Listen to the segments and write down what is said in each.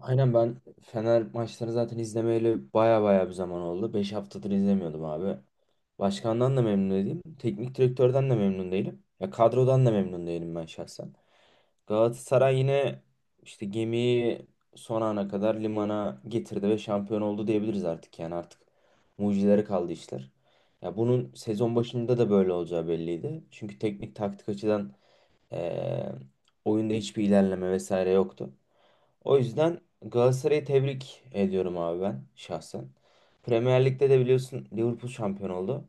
Aynen ben Fener maçlarını zaten izlemeyeli baya baya bir zaman oldu. 5 haftadır izlemiyordum abi. Başkandan da memnun değilim. Teknik direktörden de memnun değilim. Ya kadrodan da memnun değilim ben şahsen. Galatasaray yine işte gemiyi son ana kadar limana getirdi ve şampiyon oldu diyebiliriz artık. Yani artık mucizelere kaldı işler. Ya bunun sezon başında da böyle olacağı belliydi. Çünkü teknik taktik açıdan eee, oyunda hiçbir ilerleme vesaire yoktu. O yüzden Galatasaray'ı tebrik ediyorum abi ben şahsen. Premier Lig'de de biliyorsun Liverpool şampiyon oldu.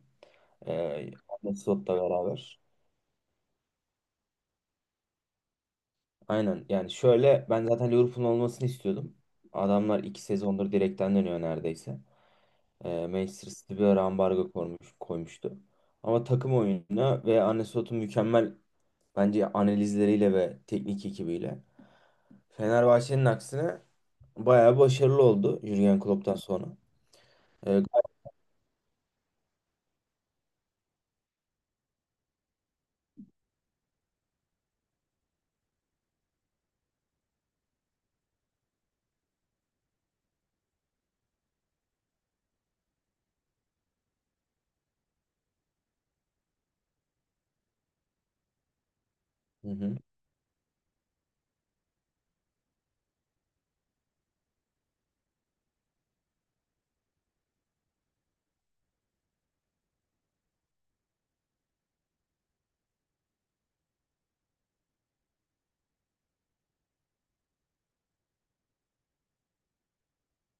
Arne Slot'la beraber. Aynen, yani şöyle ben zaten Liverpool'un olmasını istiyordum. Adamlar iki sezondur direkten dönüyor neredeyse. Manchester City bir ara ambargo koymuştu. Ama takım oyununa ve Arne Slot'un mükemmel bence analizleriyle ve teknik ekibiyle Fenerbahçe'nin aksine bayağı başarılı oldu Jürgen Klopp'tan sonra. Ee, hı hı.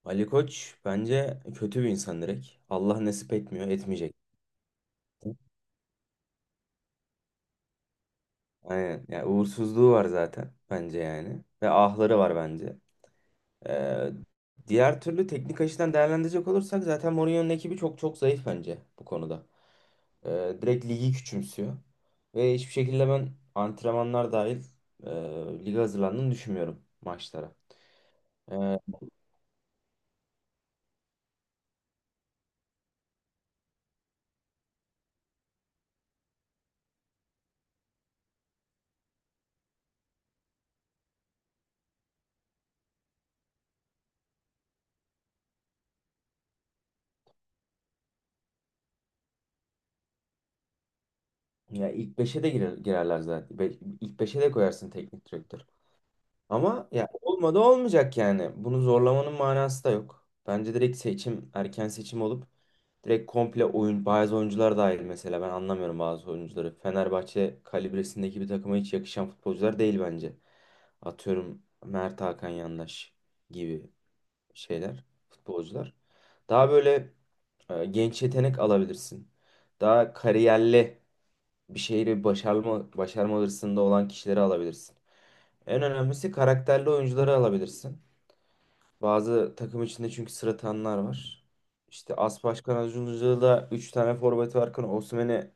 Ali Koç bence kötü bir insan direkt. Allah nasip etmiyor, etmeyecek. Aynen. Yani uğursuzluğu var zaten bence yani. Ve ahları var bence. Ee, diğer türlü teknik açıdan değerlendirecek olursak zaten Mourinho'nun ekibi çok çok zayıf bence bu konuda. Direkt ligi küçümsüyor. Ve hiçbir şekilde ben antrenmanlar dahil e, lige hazırlandığını düşünmüyorum maçlara. Ee, ya ilk beşe de girerler zaten. İlk beşe de koyarsın teknik direktör. Ama ya olmadı olmayacak yani. Bunu zorlamanın manası da yok. Bence direkt erken seçim olup direkt komple oyun, bazı oyuncular dahil mesela ben anlamıyorum bazı oyuncuları. Fenerbahçe kalibresindeki bir takıma hiç yakışan futbolcular değil bence. Atıyorum Mert Hakan Yandaş gibi şeyler, futbolcular. Daha böyle genç yetenek alabilirsin. Daha kariyerli bir şeyleri başarma hırsında olan kişileri alabilirsin. En önemlisi karakterli oyuncuları alabilirsin. Bazı takım içinde çünkü sırıtanlar var. İşte As Başkan Acuncu'da 3 tane forvet varken Osimhen'i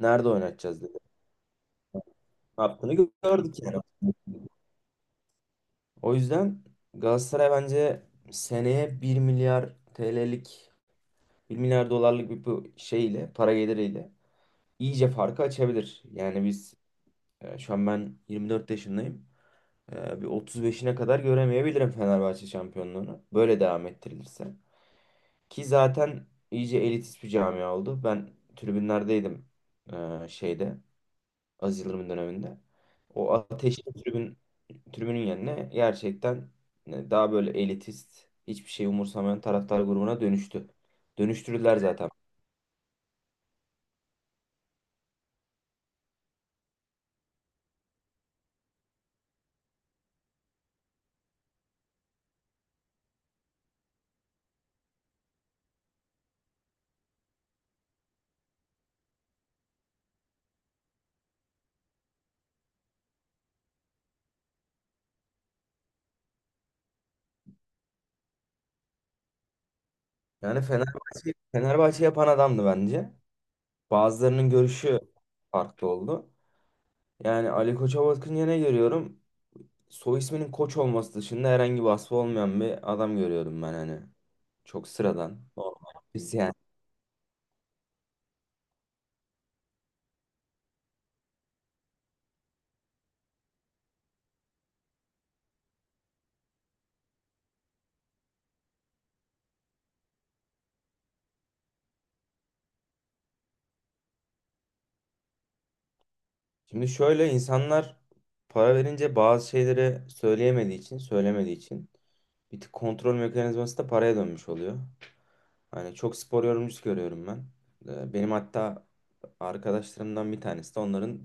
nerede oynatacağız dedi. Ne yaptığını gördük yani. O yüzden Galatasaray bence seneye bir milyar TL'lik bir milyar dolarlık bir bu şeyle para geliriyle iyice farkı açabilir. Yani şu an ben 24 yaşındayım. Bir 35'ine kadar göremeyebilirim Fenerbahçe şampiyonluğunu. Böyle devam ettirilirse. Ki zaten iyice elitist bir camia oldu. Ben tribünlerdeydim şeyde Aziz Yıldırım'ın döneminde. O ateşli tribünün yerine gerçekten daha böyle elitist, hiçbir şey umursamayan taraftar grubuna dönüştü. Dönüştürdüler zaten. Yani Fenerbahçe yapan adamdı bence. Bazılarının görüşü farklı oldu. Yani Ali Koç'a bakınca ne görüyorum? Soy isminin Koç olması dışında herhangi bir vasfı olmayan bir adam görüyordum ben hani. Çok sıradan, normal, biz yani. Şimdi şöyle insanlar para verince bazı şeyleri söyleyemediği için, söylemediği için bir tık kontrol mekanizması da paraya dönmüş oluyor. Hani çok spor yorumcusu görüyorum ben. Benim hatta arkadaşlarımdan bir tanesi de onların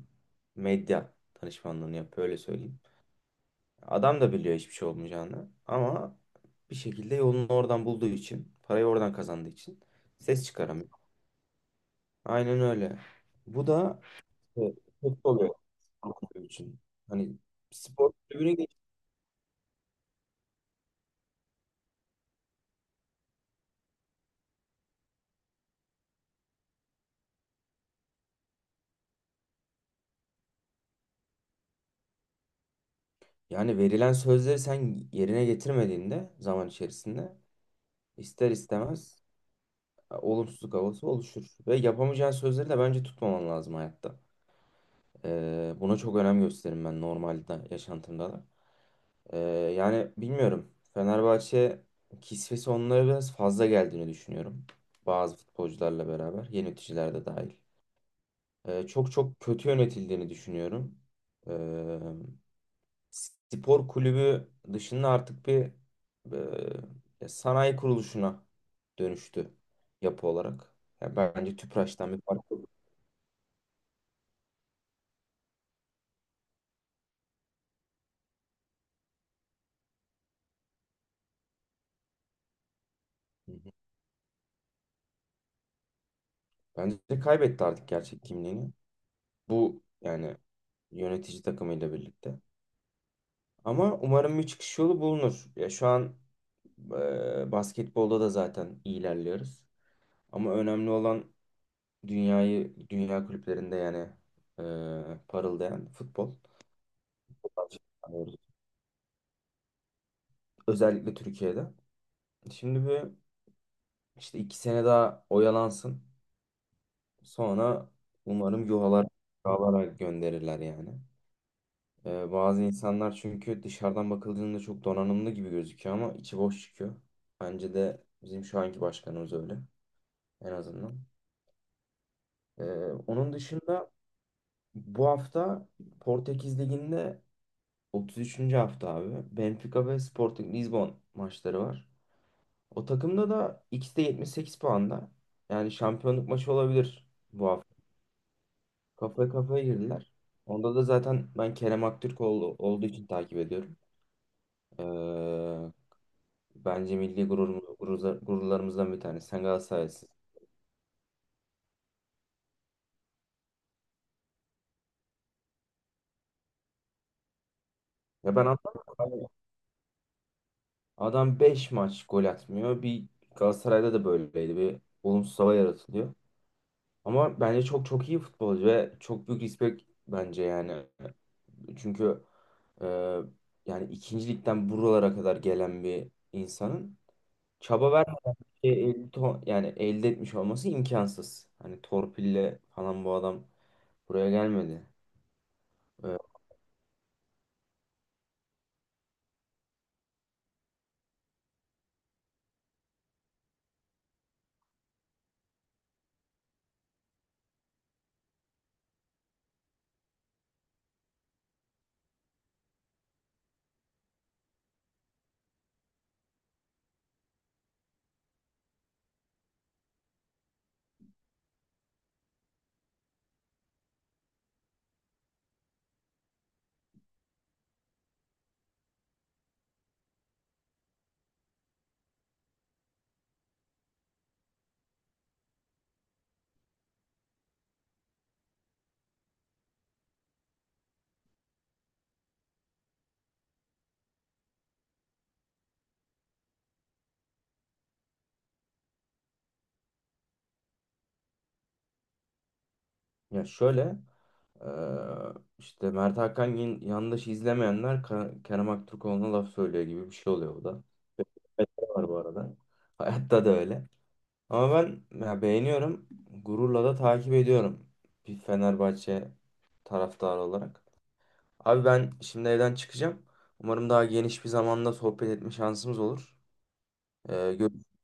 medya danışmanlığını yapıyor öyle söyleyeyim. Adam da biliyor hiçbir şey olmayacağını ama bir şekilde yolunu oradan bulduğu için, parayı oradan kazandığı için ses çıkaramıyor. Aynen öyle. Bu da e, kötü oluyor kulüp için. Hani spor kulübüne geç. Yani verilen sözleri sen yerine getirmediğinde zaman içerisinde ister istemez olumsuzluk havası oluşur. Ve yapamayacağın sözleri de bence tutmaman lazım hayatta. Buna çok önem gösteririm ben normalde yaşantımda da. Ee, yani bilmiyorum. Fenerbahçe kisvesi onlara biraz fazla geldiğini düşünüyorum. Bazı futbolcularla beraber, yeni yöneticiler de dahil. Çok çok kötü yönetildiğini düşünüyorum. Ee, spor kulübü dışında artık sanayi kuruluşuna dönüştü yapı olarak. Yani bence Tüpraş'tan bir fark yok. Hı hı. Bence de kaybetti artık gerçek kimliğini. Bu yani yönetici takımıyla birlikte. Ama umarım bir çıkış yolu bulunur. Ya şu an basketbolda da zaten iyi ilerliyoruz. Ama önemli olan dünya kulüplerinde parıldayan futbol. Özellikle Türkiye'de. Şimdi bir işte iki sene daha oyalansın. Sonra umarım yuvalara gönderirler yani. E, bazı insanlar çünkü dışarıdan bakıldığında çok donanımlı gibi gözüküyor ama içi boş çıkıyor. Bence de bizim şu anki başkanımız öyle. En azından. Ee, onun dışında bu hafta Portekiz Ligi'nde 33. hafta abi. Benfica ve Sporting Lisbon maçları var. O takımda da ikisi de 78 puanda. Yani şampiyonluk maçı olabilir bu hafta. Kafaya kafaya girdiler. Onda da zaten ben Kerem Aktürkoğlu olduğu için takip ediyorum. Ee, bence milli gururlarımızdan bir tanesi. Sen Galatasaraylısın. Ya ben anlamadım. Adam 5 maç gol atmıyor. Bir Galatasaray'da da böyleydi. Bir olumsuz hava yaratılıyor. Ama bence çok çok iyi futbolcu ve çok büyük respect bence yani. Çünkü e, yani ikinci ligden buralara kadar gelen bir insanın çaba vermediği yani elde etmiş olması imkansız. Hani torpille falan bu adam buraya gelmedi. E, Ya şöyle, e, işte yandaşı izlemeyenler Kerem Aktürkoğlu'na laf söylüyor gibi bir şey oluyor bu da. Evet, var bu arada. Hayatta da öyle. Ama ben ya, beğeniyorum. Gururla da takip ediyorum. Bir Fenerbahçe taraftarı olarak. Abi ben şimdi evden çıkacağım. Umarım daha geniş bir zamanda sohbet etme şansımız olur. E, görüşürüz.